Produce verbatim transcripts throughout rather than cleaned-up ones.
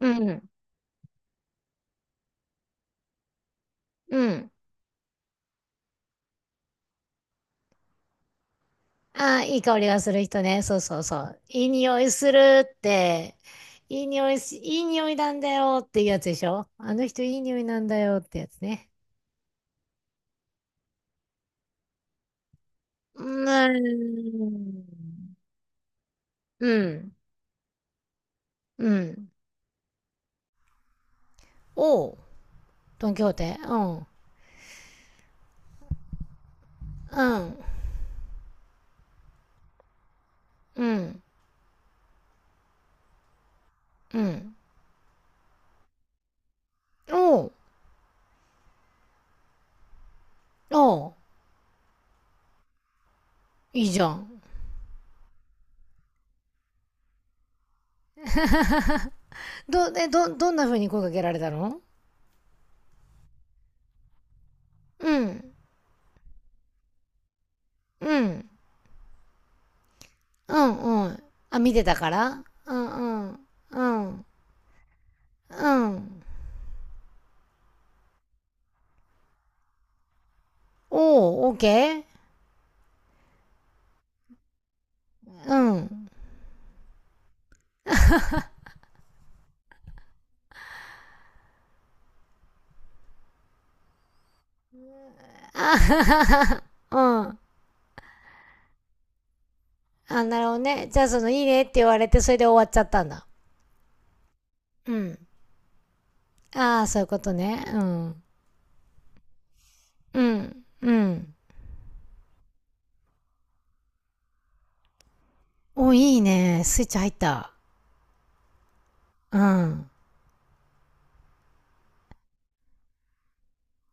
うん。うん。ああ、いい香りがする人ね。そうそうそう。いい匂いするって。いい匂いし、いい匂いなんだよっていうやつでしょ？あの人いい匂いなんだよってやつね。うーん。うん。うん。おう。ドンキホーテ。うん。うん。うん。うん。おう。おう。いいじゃん。ど、え、ど、どんな風に声かけられたの？うん。うん。うん。うん。あ、見てたから。うんうん。うん。うん。おー、OK？ うん。あはははは。うん。あ、なるほどね。じゃあ、その、いいねって言われて、それで終わっちゃったんだ。うん。ああ、そういうことね。うん。うん。うん。お、いいね。スイッチ入った。うん。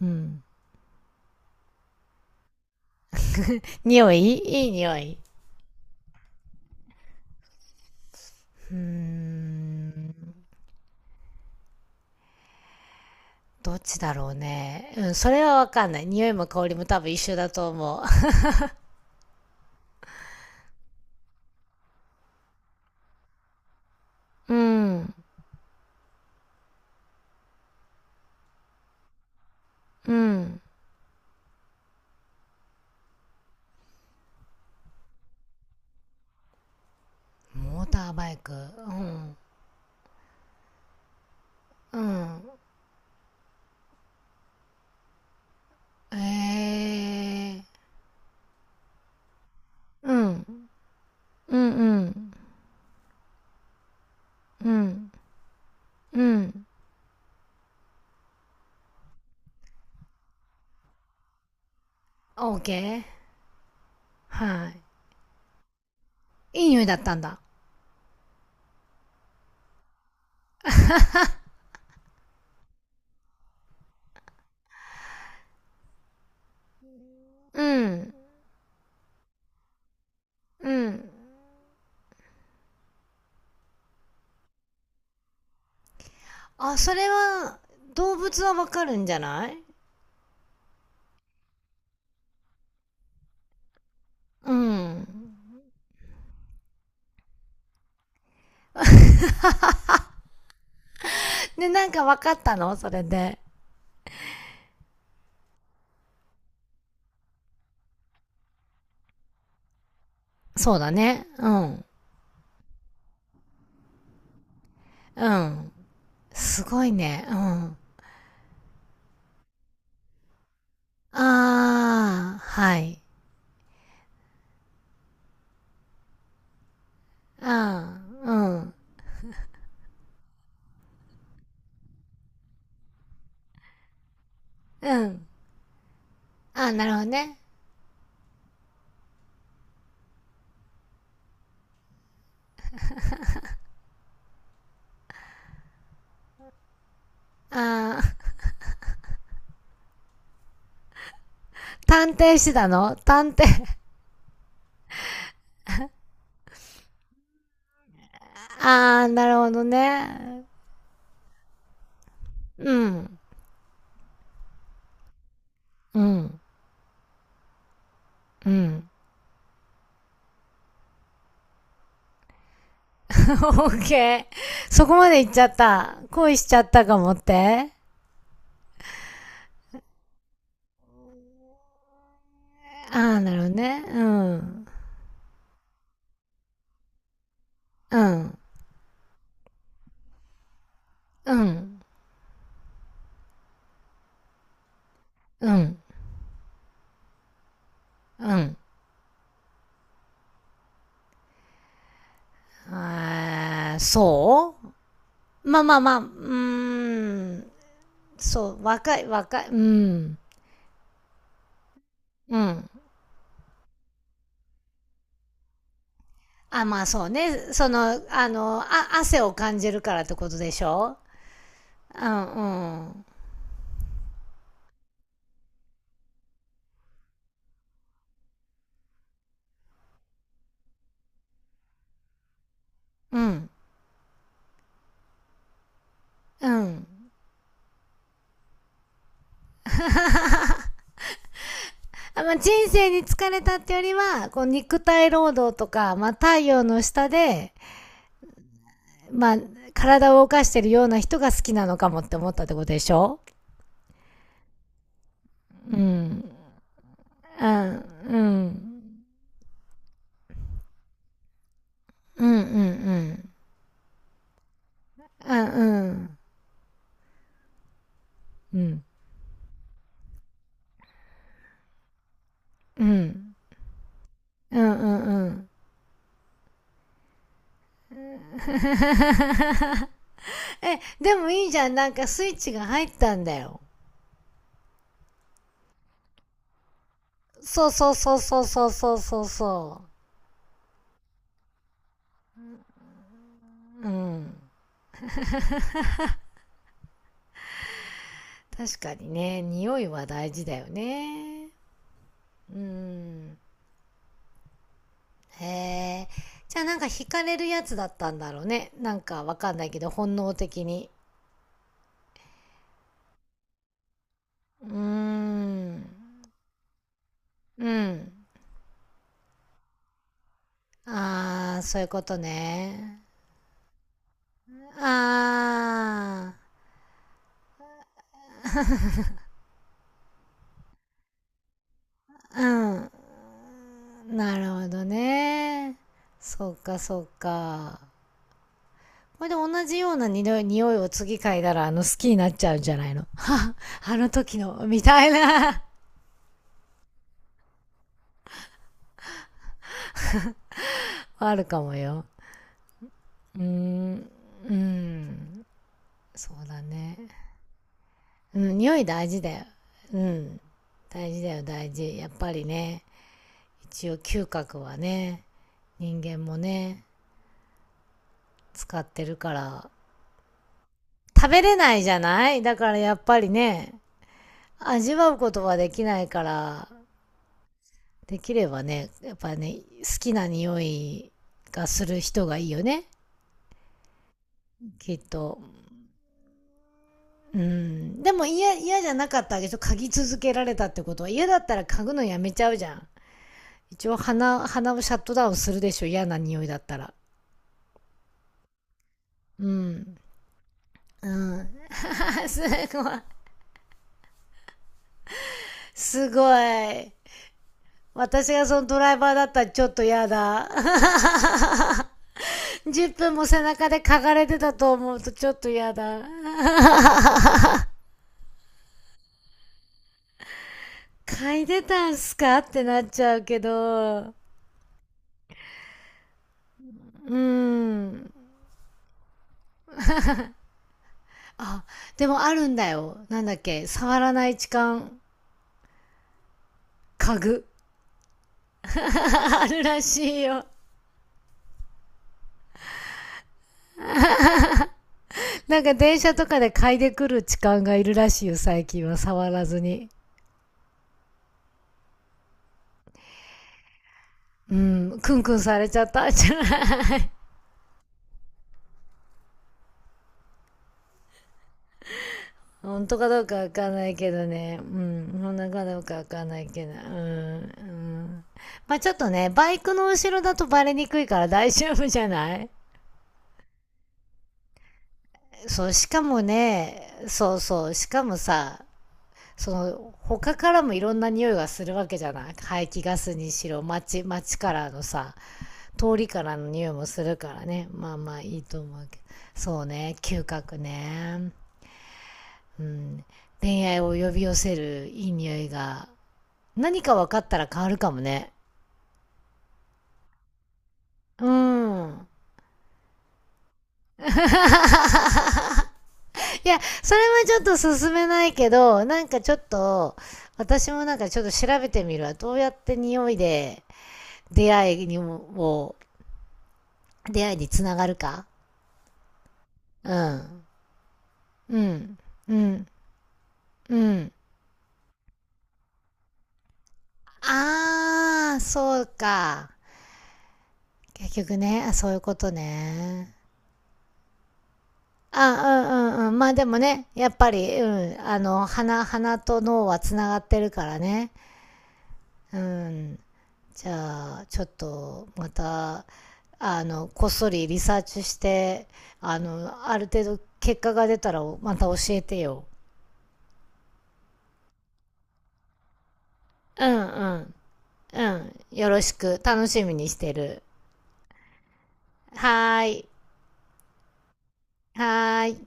うん。匂い、いい匂い。うーん。どっちだろうね。うん、それはわかんない。匂いも香りも多分一緒だと思う。うん。うん。モーターバイク。うん。うん。ええー。うん。うんうん。うん。うん。オーケー。はい。いい匂いだったんだ。うん。うん。あ、それは、動物はわかるんじゃない？うん。で、なんかわかったの？それで。そうだね。うん。うん。すごいね。うん。あー、はい。あー、うん。うん。あー、なるほどね。あー、探偵してたの？探偵。あー、なるほどね。うん。うん。うん。オッケー。そこまで行っちゃった。恋しちゃったかもって。あー、なるほどね。うん。うん。うん。うん。うん。あー、そう。まあまあまあ、うーん。そう、若い、若い、うん。うん。あ、まあそうね。その、あの、あ、汗を感じるからってことでしょ？うん、うん。うん、うん。あ、まあ、人生に疲れたってよりは、こう肉体労働とか、まあ、太陽の下で、まあ、体を動かしてるような人が好きなのかもって思ったってことでしょ？うん。うん、うん。うん、うん、うん。うん、うん。うん、うん。うん、うん、うん。え、でもいいじゃん。なんかスイッチが入ったんだよ。そうそうそうそうそうそうそうそう。うん。確かにね、匂いは大事だよね。うん。へえ。じゃあ、なんか惹かれるやつだったんだろうね。なんかわかんないけど、本能的に。うーん。うん。ああ、そういうことね。ああ、うん。なるほどね。そうか、そうか。これで同じような匂い匂いを次嗅いだら、あの、好きになっちゃうんじゃないの？は、あの時の、みたいな。あるかもよ。うーん。うん。そうだね。うん、匂い大事だよ。うん。大事だよ、大事。やっぱりね、一応嗅覚はね、人間もね、使ってるから、食べれないじゃない？だからやっぱりね、味わうことはできないから、できればね、やっぱね、好きな匂いがする人がいいよね、きっと。うん。でも嫌、嫌じゃなかったわけでしょ？嗅ぎ続けられたってことは。嫌だったら嗅ぐのやめちゃうじゃん。一応鼻、鼻をシャットダウンするでしょ？嫌な匂いだったら。うん。うん。あ、すごい。すごい。私がそのドライバーだったらちょっと嫌だ。じゅっぷんも背中で嗅がれてたと思うとちょっと嫌だ。嗅いでたんすか？ってなっちゃうけど。うん。でもあるんだよ。なんだっけ。触らない痴漢。嗅ぐ。あるらしいよ。なんか電車とかで嗅いでくる痴漢がいるらしいよ、最近は。触らずに。うん、クンクンされちゃったんじゃない？本当かどうかわかんないけどね。うん、本当かどうかわかんないけど。うん、うん。まあちょっとね、バイクの後ろだとバレにくいから大丈夫じゃない？そう、しかもね、そうそう、しかもさ、その、他からもいろんな匂いがするわけじゃない？排気ガスにしろ、街、街からのさ、通りからの匂いもするからね。まあまあいいと思うけど。そうね、嗅覚ね。うん、恋愛を呼び寄せるいい匂いが何か分かったら変わるかもね。うん。いや、それはちょっと進めないけど、なんかちょっと、私もなんかちょっと調べてみるわ。どうやって匂いで出会いにも、出会いにつながるか。うん。うん。うん。うん。あー、そうか。結局ね、そういうことね。あ、うんうんうん。まあでもね、やっぱり、うん。あの、鼻、鼻と脳はつながってるからね。うん。じゃあ、ちょっと、また、あの、こっそりリサーチして、あの、ある程度結果が出たら、また教えてよ。うんうん。うん。よろしく。楽しみにしてる。はーい。はーい。